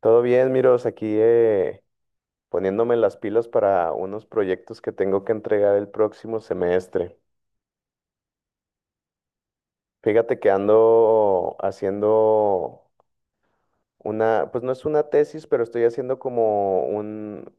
Todo bien, Miros, aquí poniéndome las pilas para unos proyectos que tengo que entregar el próximo semestre. Fíjate que ando haciendo una, pues no es una tesis, pero estoy haciendo como un,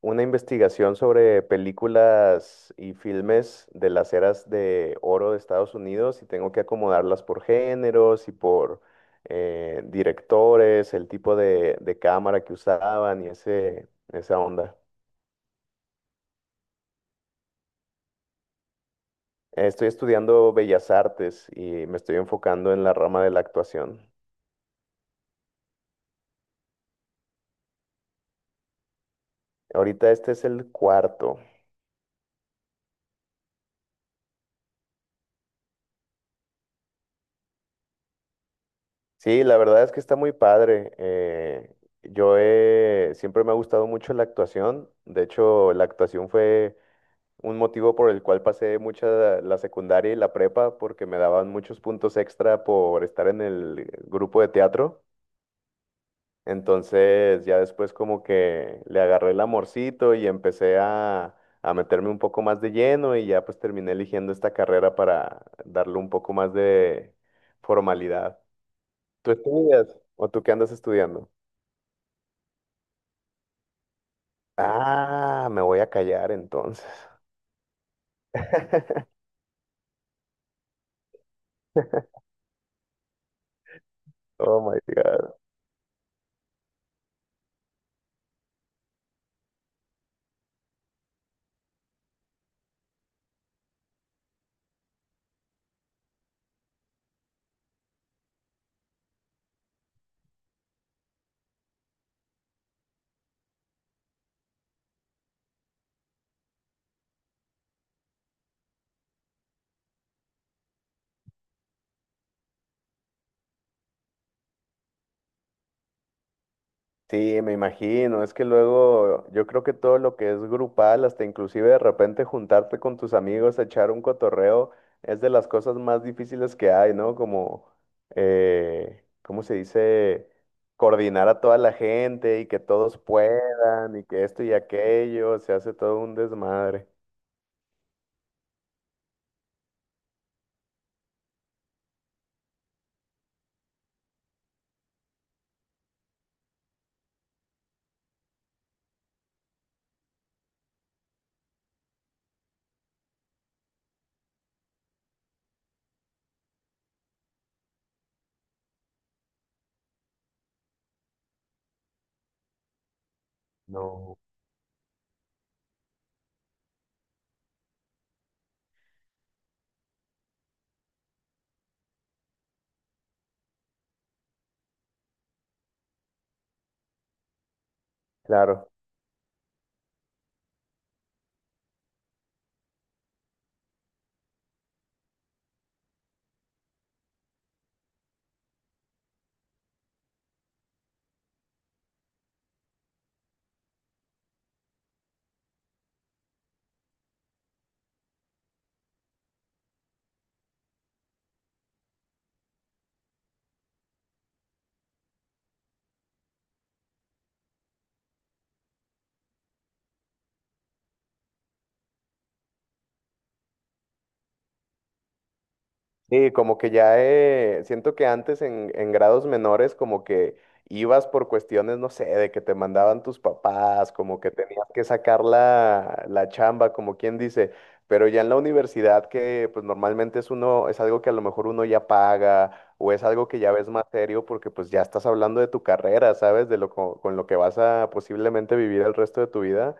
una investigación sobre películas y filmes de las eras de oro de Estados Unidos y tengo que acomodarlas por géneros y por directores, el tipo de cámara que usaban y esa onda. Estoy estudiando Bellas Artes y me estoy enfocando en la rama de la actuación. Ahorita este es el cuarto. Sí, la verdad es que está muy padre. Siempre me ha gustado mucho la actuación. De hecho, la actuación fue un motivo por el cual pasé mucha la secundaria y la prepa porque me daban muchos puntos extra por estar en el grupo de teatro. Entonces ya después como que le agarré el amorcito y empecé a meterme un poco más de lleno y ya pues terminé eligiendo esta carrera para darle un poco más de formalidad. ¿Tú estudias o tú qué andas estudiando? Ah, me voy a callar entonces. Oh my God. Sí, me imagino. Es que luego yo creo que todo lo que es grupal, hasta inclusive de repente juntarte con tus amigos, a echar un cotorreo, es de las cosas más difíciles que hay, ¿no? Como, ¿cómo se dice? Coordinar a toda la gente y que todos puedan y que esto y aquello, se hace todo un desmadre. No. Claro. Sí, como que ya siento que antes en, grados menores como que ibas por cuestiones, no sé, de que te mandaban tus papás, como que tenías que sacar la chamba, como quien dice, pero ya en la universidad que pues normalmente es uno, es algo que a lo mejor uno ya paga o es algo que ya ves más serio porque pues ya estás hablando de tu carrera, ¿sabes? De lo con, lo que vas a posiblemente vivir el resto de tu vida,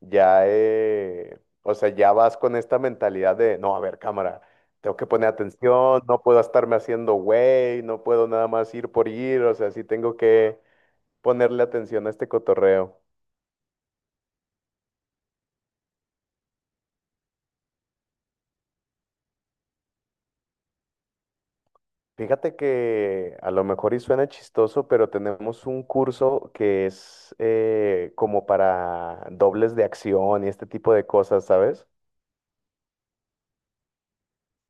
ya o sea, ya vas con esta mentalidad de, no, a ver, cámara, tengo que poner atención, no puedo estarme haciendo güey, no puedo nada más ir por ir, o sea, sí tengo que ponerle atención a este cotorreo. Fíjate que a lo mejor y suena chistoso, pero tenemos un curso que es como para dobles de acción y este tipo de cosas, ¿sabes?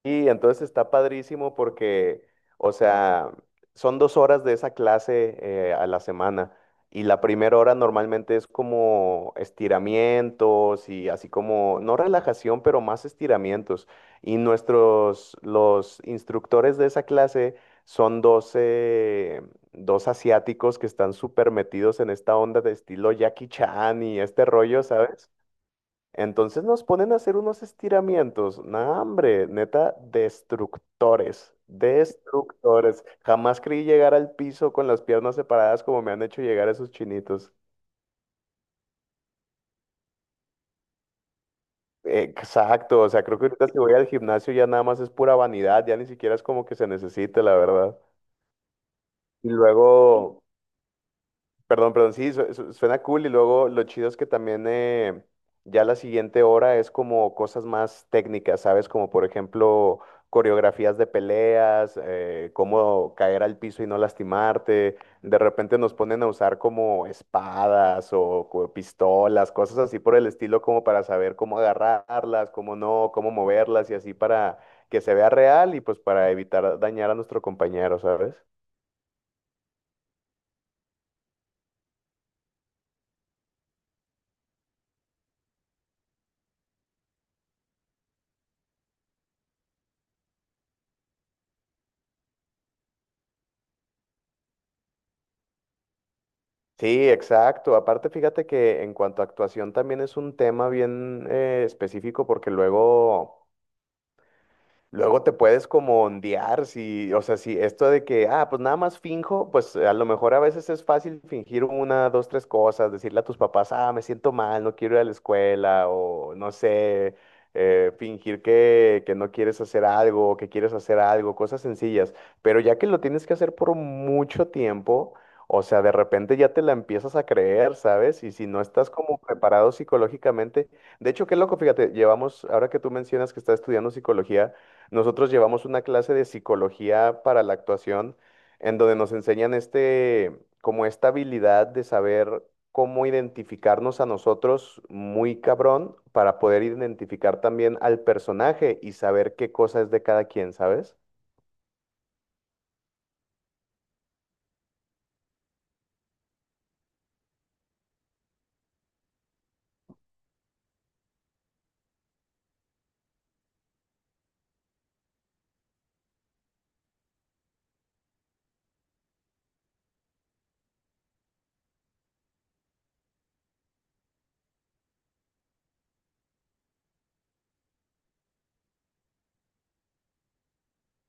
Y entonces está padrísimo porque, o sea, son 2 horas de esa clase a la semana. Y la primera hora normalmente es como estiramientos y así como, no relajación, pero más estiramientos. Y nuestros, los instructores de esa clase son doce dos asiáticos que están súper metidos en esta onda de estilo Jackie Chan y este rollo, ¿sabes? Entonces nos ponen a hacer unos estiramientos. Nah, hombre, neta, destructores. Destructores. Jamás creí llegar al piso con las piernas separadas como me han hecho llegar esos chinitos. Exacto, o sea, creo que ahorita si voy al gimnasio ya nada más es pura vanidad, ya ni siquiera es como que se necesite, la verdad. Y luego, perdón, perdón, sí, suena cool y luego lo chido es que también ya la siguiente hora es como cosas más técnicas, ¿sabes? Como por ejemplo coreografías de peleas, cómo caer al piso y no lastimarte. De repente nos ponen a usar como espadas o pistolas, cosas así por el estilo como para saber cómo agarrarlas, cómo no, cómo moverlas y así para que se vea real y pues para evitar dañar a nuestro compañero, ¿sabes? Sí, exacto. Aparte, fíjate que en cuanto a actuación también es un tema bien específico porque luego... Luego te puedes como ondear, si, o sea, si esto de que, ah, pues nada más finjo, pues a lo mejor a veces es fácil fingir una, dos, tres cosas, decirle a tus papás, ah, me siento mal, no quiero ir a la escuela, o no sé, fingir que no quieres hacer algo, o que quieres hacer algo, cosas sencillas. Pero ya que lo tienes que hacer por mucho tiempo, o sea, de repente ya te la empiezas a creer, ¿sabes? Y si no estás como preparado psicológicamente, de hecho, qué loco, fíjate, llevamos, ahora que tú mencionas que estás estudiando psicología, nosotros llevamos una clase de psicología para la actuación en donde nos enseñan este, como esta habilidad de saber cómo identificarnos a nosotros muy cabrón para poder identificar también al personaje y saber qué cosa es de cada quien, ¿sabes?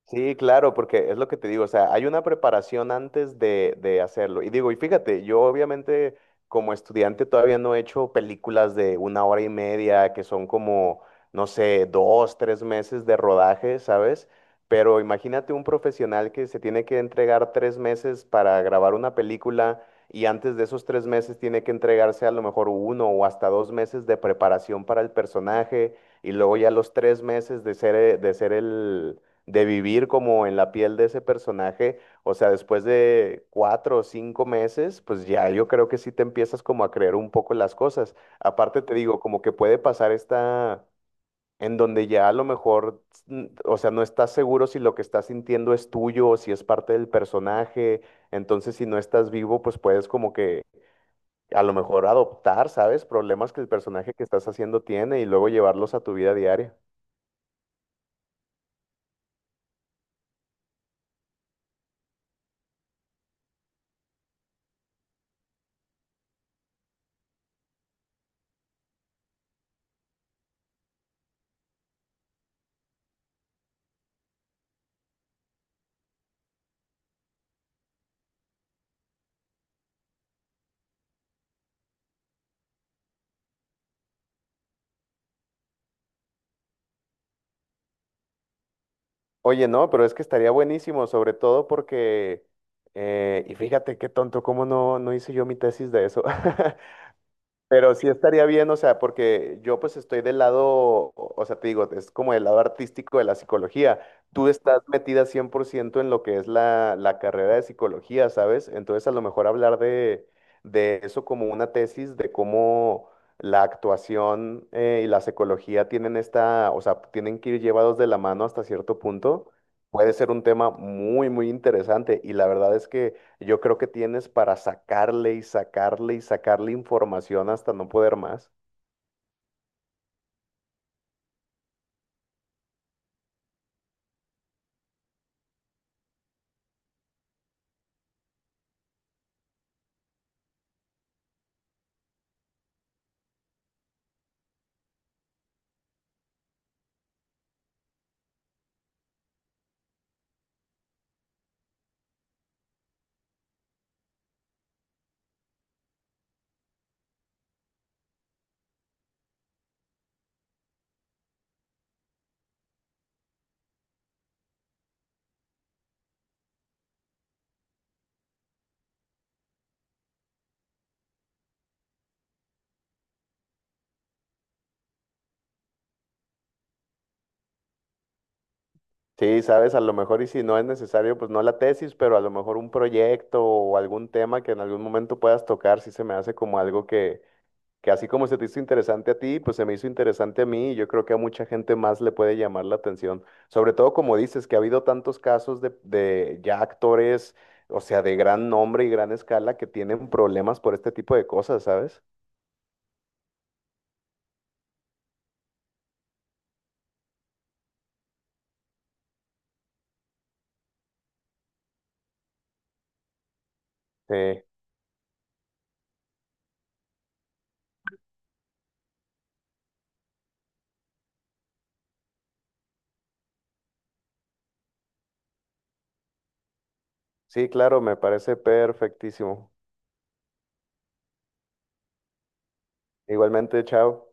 Sí, claro, porque es lo que te digo, o sea, hay una preparación antes de hacerlo. Y digo, y fíjate, yo obviamente como estudiante todavía no he hecho películas de una hora y media, que son como, no sé, dos, tres meses de rodaje, ¿sabes? Pero imagínate un profesional que se tiene que entregar 3 meses para grabar una película y antes de esos 3 meses tiene que entregarse a lo mejor uno o hasta 2 meses de preparación para el personaje y luego ya los 3 meses de ser el de vivir como en la piel de ese personaje, o sea, después de cuatro o cinco meses, pues ya yo creo que sí te empiezas como a creer un poco las cosas. Aparte te digo, como que puede pasar esta, en donde ya a lo mejor, o sea, no estás seguro si lo que estás sintiendo es tuyo o si es parte del personaje, entonces si no estás vivo, pues puedes como que a lo mejor adoptar, ¿sabes? Problemas que el personaje que estás haciendo tiene y luego llevarlos a tu vida diaria. Oye, no, pero es que estaría buenísimo, sobre todo porque, y fíjate qué tonto, cómo no, no hice yo mi tesis de eso. Pero sí estaría bien, o sea, porque yo pues estoy del lado, o sea, te digo, es como el lado artístico de la psicología. Tú estás metida 100% en lo que es la, la carrera de psicología, ¿sabes? Entonces a lo mejor hablar de eso como una tesis, de cómo la actuación y la psicología tienen esta, o sea, tienen que ir llevados de la mano hasta cierto punto, puede ser un tema muy, muy interesante. Y la verdad es que... Yo creo que tienes para sacarle y sacarle y sacarle información hasta no poder más. Sí, sabes, a lo mejor y si no es necesario, pues no la tesis, pero a lo mejor un proyecto o algún tema que en algún momento puedas tocar, sí se me hace como algo que así como se te hizo interesante a ti, pues se me hizo interesante a mí y yo creo que a mucha gente más le puede llamar la atención. Sobre todo como dices, que ha habido tantos casos de ya actores, o sea, de gran nombre y gran escala que tienen problemas por este tipo de cosas, ¿sabes? Sí. Sí, claro, me parece perfectísimo. Igualmente, chao.